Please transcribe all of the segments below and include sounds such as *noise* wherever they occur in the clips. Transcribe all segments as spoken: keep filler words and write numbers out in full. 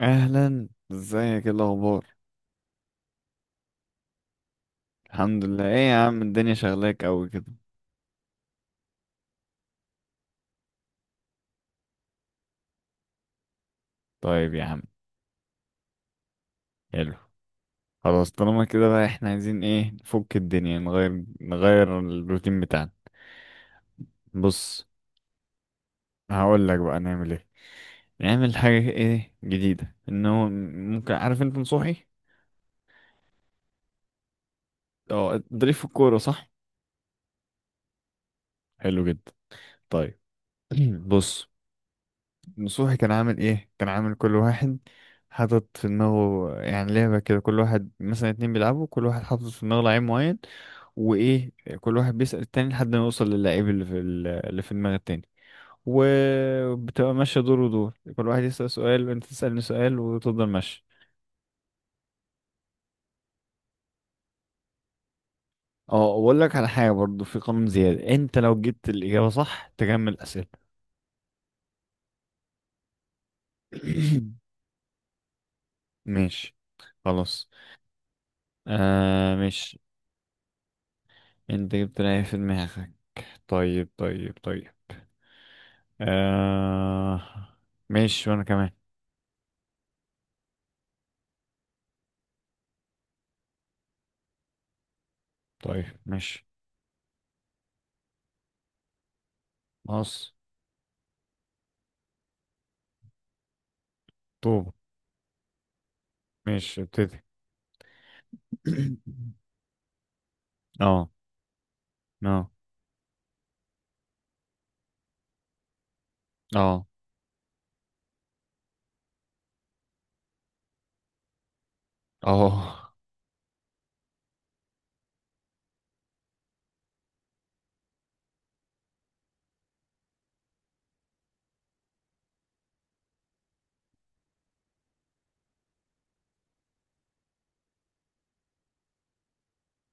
اهلا، ازيك؟ ايه الاخبار؟ الحمد لله. ايه يا عم، الدنيا شغلاك قوي كده؟ طيب يا عم. حلو. خلاص طالما كده بقى، احنا عايزين ايه؟ نفك الدنيا، نغير نغير الروتين بتاعنا. بص. هقول لك بقى نعمل ايه. نعمل حاجة ايه جديدة، انه ممكن... عارف انت نصوحي؟ اه، ضريف في الكورة، صح؟ حلو جدا. طيب. *clears throat* بص. نصوحي كان عامل ايه؟ كان عامل كل واحد حاطط في دماغه يعني لعبة كده. كل واحد، مثلا اتنين بيلعبوا، كل واحد حاطط في دماغه لعيب معين. وايه، كل واحد بيسأل التاني لحد ما يوصل للعيب اللي في اللي في دماغ التاني. وبتبقى ماشية دور ودور، كل واحد يسأل سؤال، وانت تسألني سؤال، وتفضل ماشي. اه، اقول لك على حاجة برضو، في قانون زيادة، انت لو جبت الإجابة صح تكمل أسئلة. *coughs* ماشي. خلاص. آه، ماشي. انت جبت العيب في دماغك؟ طيب، طيب، طيب. آه، ماشي، وانا كمان. طيب، ماشي. مصر. طوب. ماشي، ابتدي. *coughs* *clears throat* اه، اه، اه، اه.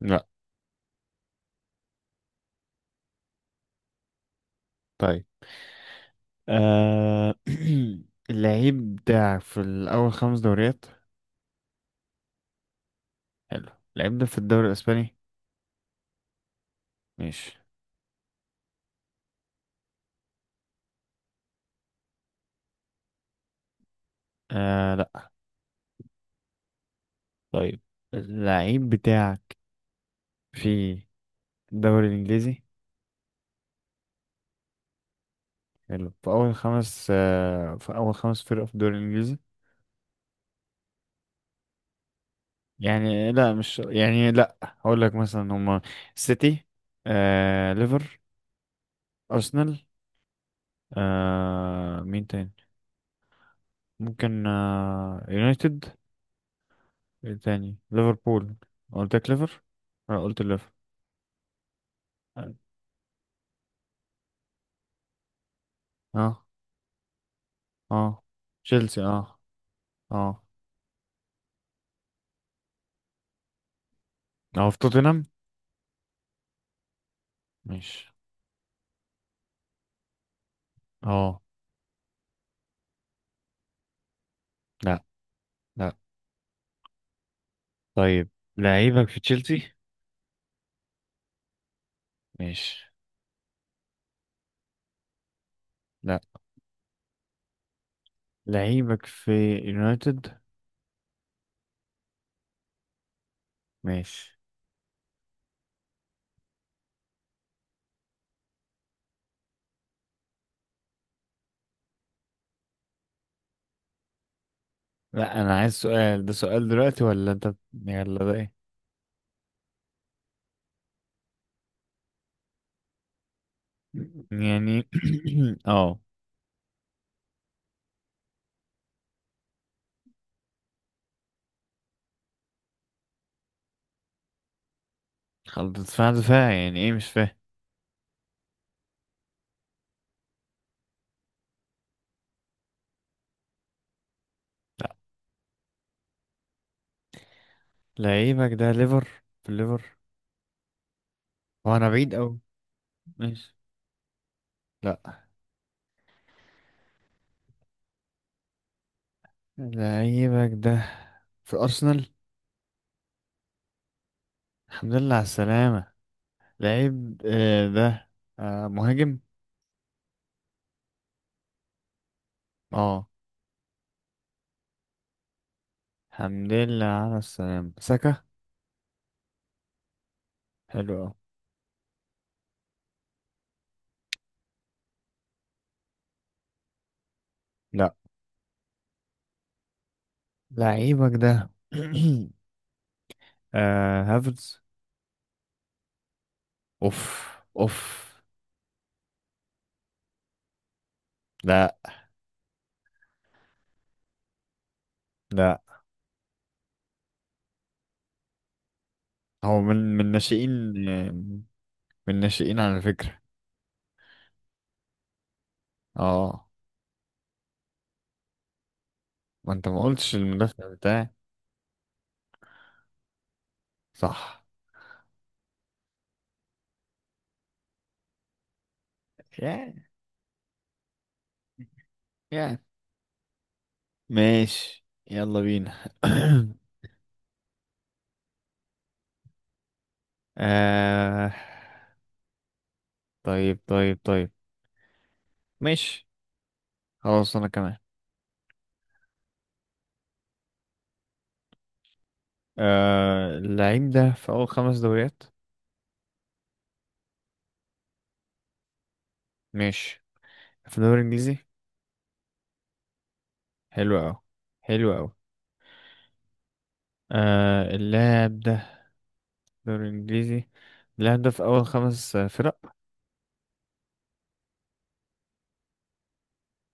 لا. طيب. آه. *coughs* *clears throat* اللعيب بتاعك في الأول خمس دوريات؟ حلو. اللعيب ده في الدوري الأسباني؟ ماشي. آه، لا. طيب. اللعيب بتاعك في الدوري الإنجليزي؟ حلو، في أول خمس آه، في أول خمس فرق في الدوري الإنجليزي؟ يعني لا، مش يعني لا، هقول لك مثلا هما سيتي، آه، ليفر، أرسنال، آه، مين تاني؟ ممكن آه، يونايتد. إيه تاني؟ ليفربول. قلت لك ليفر. آه، قلت ليفر. اه، اه، آه. تشيلسي. اه، اه، اه. في توتنهام؟ مش. اه، لا، لا. طيب. لعيبك في تشيلسي؟ مش. لا. لعيبك في يونايتد؟ ماشي. لا، انا عايز سؤال. ده سؤال دلوقتي ولا انت؟ يلا، ده ايه يعني؟ *clears throat* اه. خلاص، دفاع دفاع يعني ايه؟ مش فاهم. لا. لعيبك ده ليفر، في الليفر؟ هو انا بعيد اوي؟ ماشي. لا. لعيبك ده في ارسنال؟ الحمد لله على السلامة. لعيب آه، ده آه، مهاجم؟ اه. الحمد لله على السلامة. ساكا؟ حلو اوي. لا. لعيبك ده *clears throat* آه، هافرز؟ اوف، اوف. لا، لا. هو من من ناشئين، من ناشئين على فكرة. اه. ما انت ما قلتش المدافع بتاعي، صح؟ يعني، يعني ماشي، يلا بينا. *coughs* آه، طيب، طيب، طيب. ماشي، خلاص، انا كمان. آه، اللعيب ده في اول خمس دوريات. ماشي، في الدوري الانجليزي. حلو اوي، حلو اوي. آه، اللاعب ده في الدوري الانجليزي. اللاعب ده في اول خمس فرق.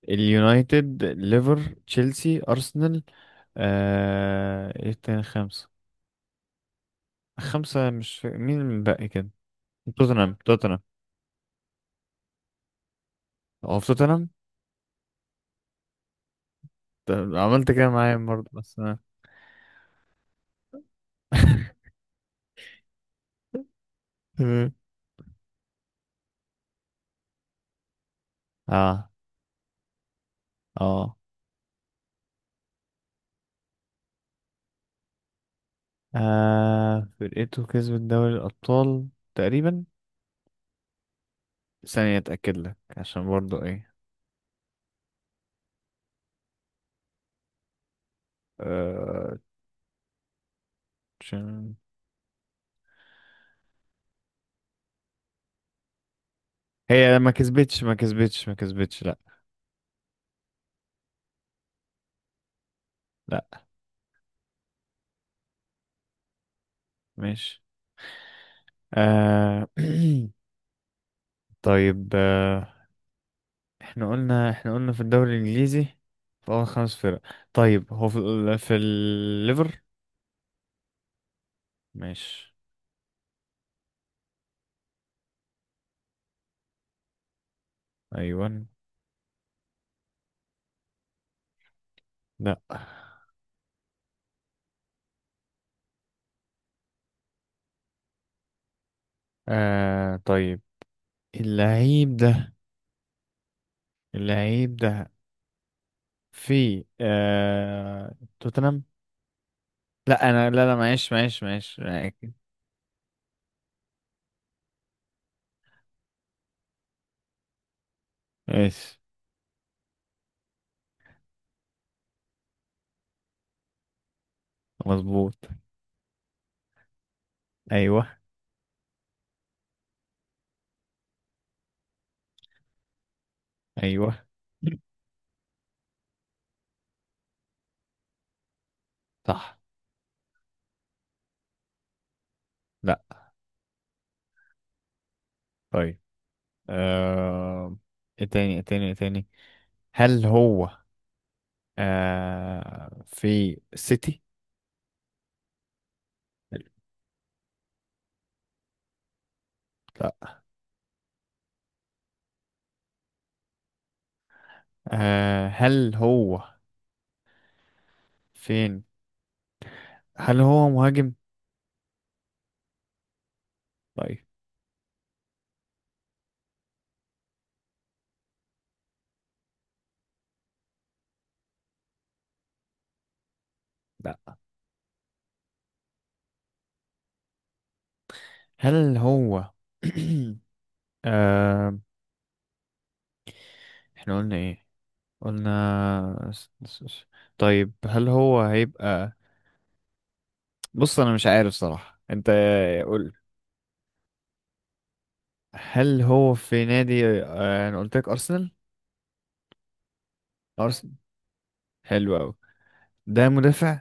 اليونايتد، ليفر، تشيلسي، ارسنال، آه... ايه تاني خمسة؟ خمسة، مش فا- مين اللي باقي كده؟ توتنهام، توتنهام. هو في توتنهام؟ طب عملت كده معايا برضه بس انا... *laughs* مم. اه، اه. آه، فرقته كسبت دوري الأبطال تقريبا. ثانية أتأكد لك، عشان برضو ايه. آه... عشان- هي ما كسبتش، ما كسبتش، ما كسبتش. لا. لا، ماشي. آه... *clears throat* طيب، آه، احنا قلنا احنا قلنا في الدوري الانجليزي، في اول خمس فرق. طيب، هو في ال- في الليفر؟ ماشي. ايوه. لا. آه، طيب، اللعيب ده اللعيب ده في آه توتنهام. لا، انا، لا، لا، معلش، معلش، معلش، ماشي. مظبوط، ايوه، ايوه، صح. لا. طيب، آه، ايه تاني، ايه تاني، ايه تاني؟ هل هو آه في سيتي؟ لا. آه، هل هو فين؟ هل هو مهاجم؟ طيب. لا. هل هو *clears throat* آه، احنا قلنا ايه؟ قلنا س- س- س- طيب، هل هو هيبقى... بص، انا مش عارف صراحة انت. قول. هل هو في نادي... آه انا قلت لك ارسنال. ارسنال. حلو قوي. ده مدافع.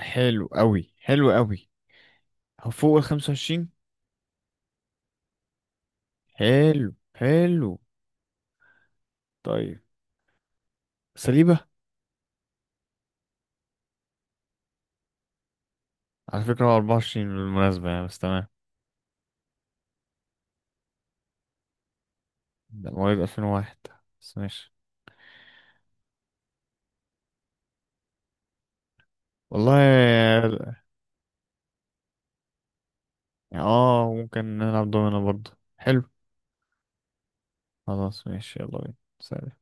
حلو قوي، حلو قوي. هو فوق ال خمسة وعشرين؟ حلو، حلو. طيب، سليبة. على فكرة هو أربعة وعشرين بالمناسبة، يعني بس تمام. ده مواليد ألفين وواحدة، بس ماشي. والله. يعني اه، ممكن نلعب دومينو برضه، حلو. خلاص، ماشي، يلا بينا. سلام.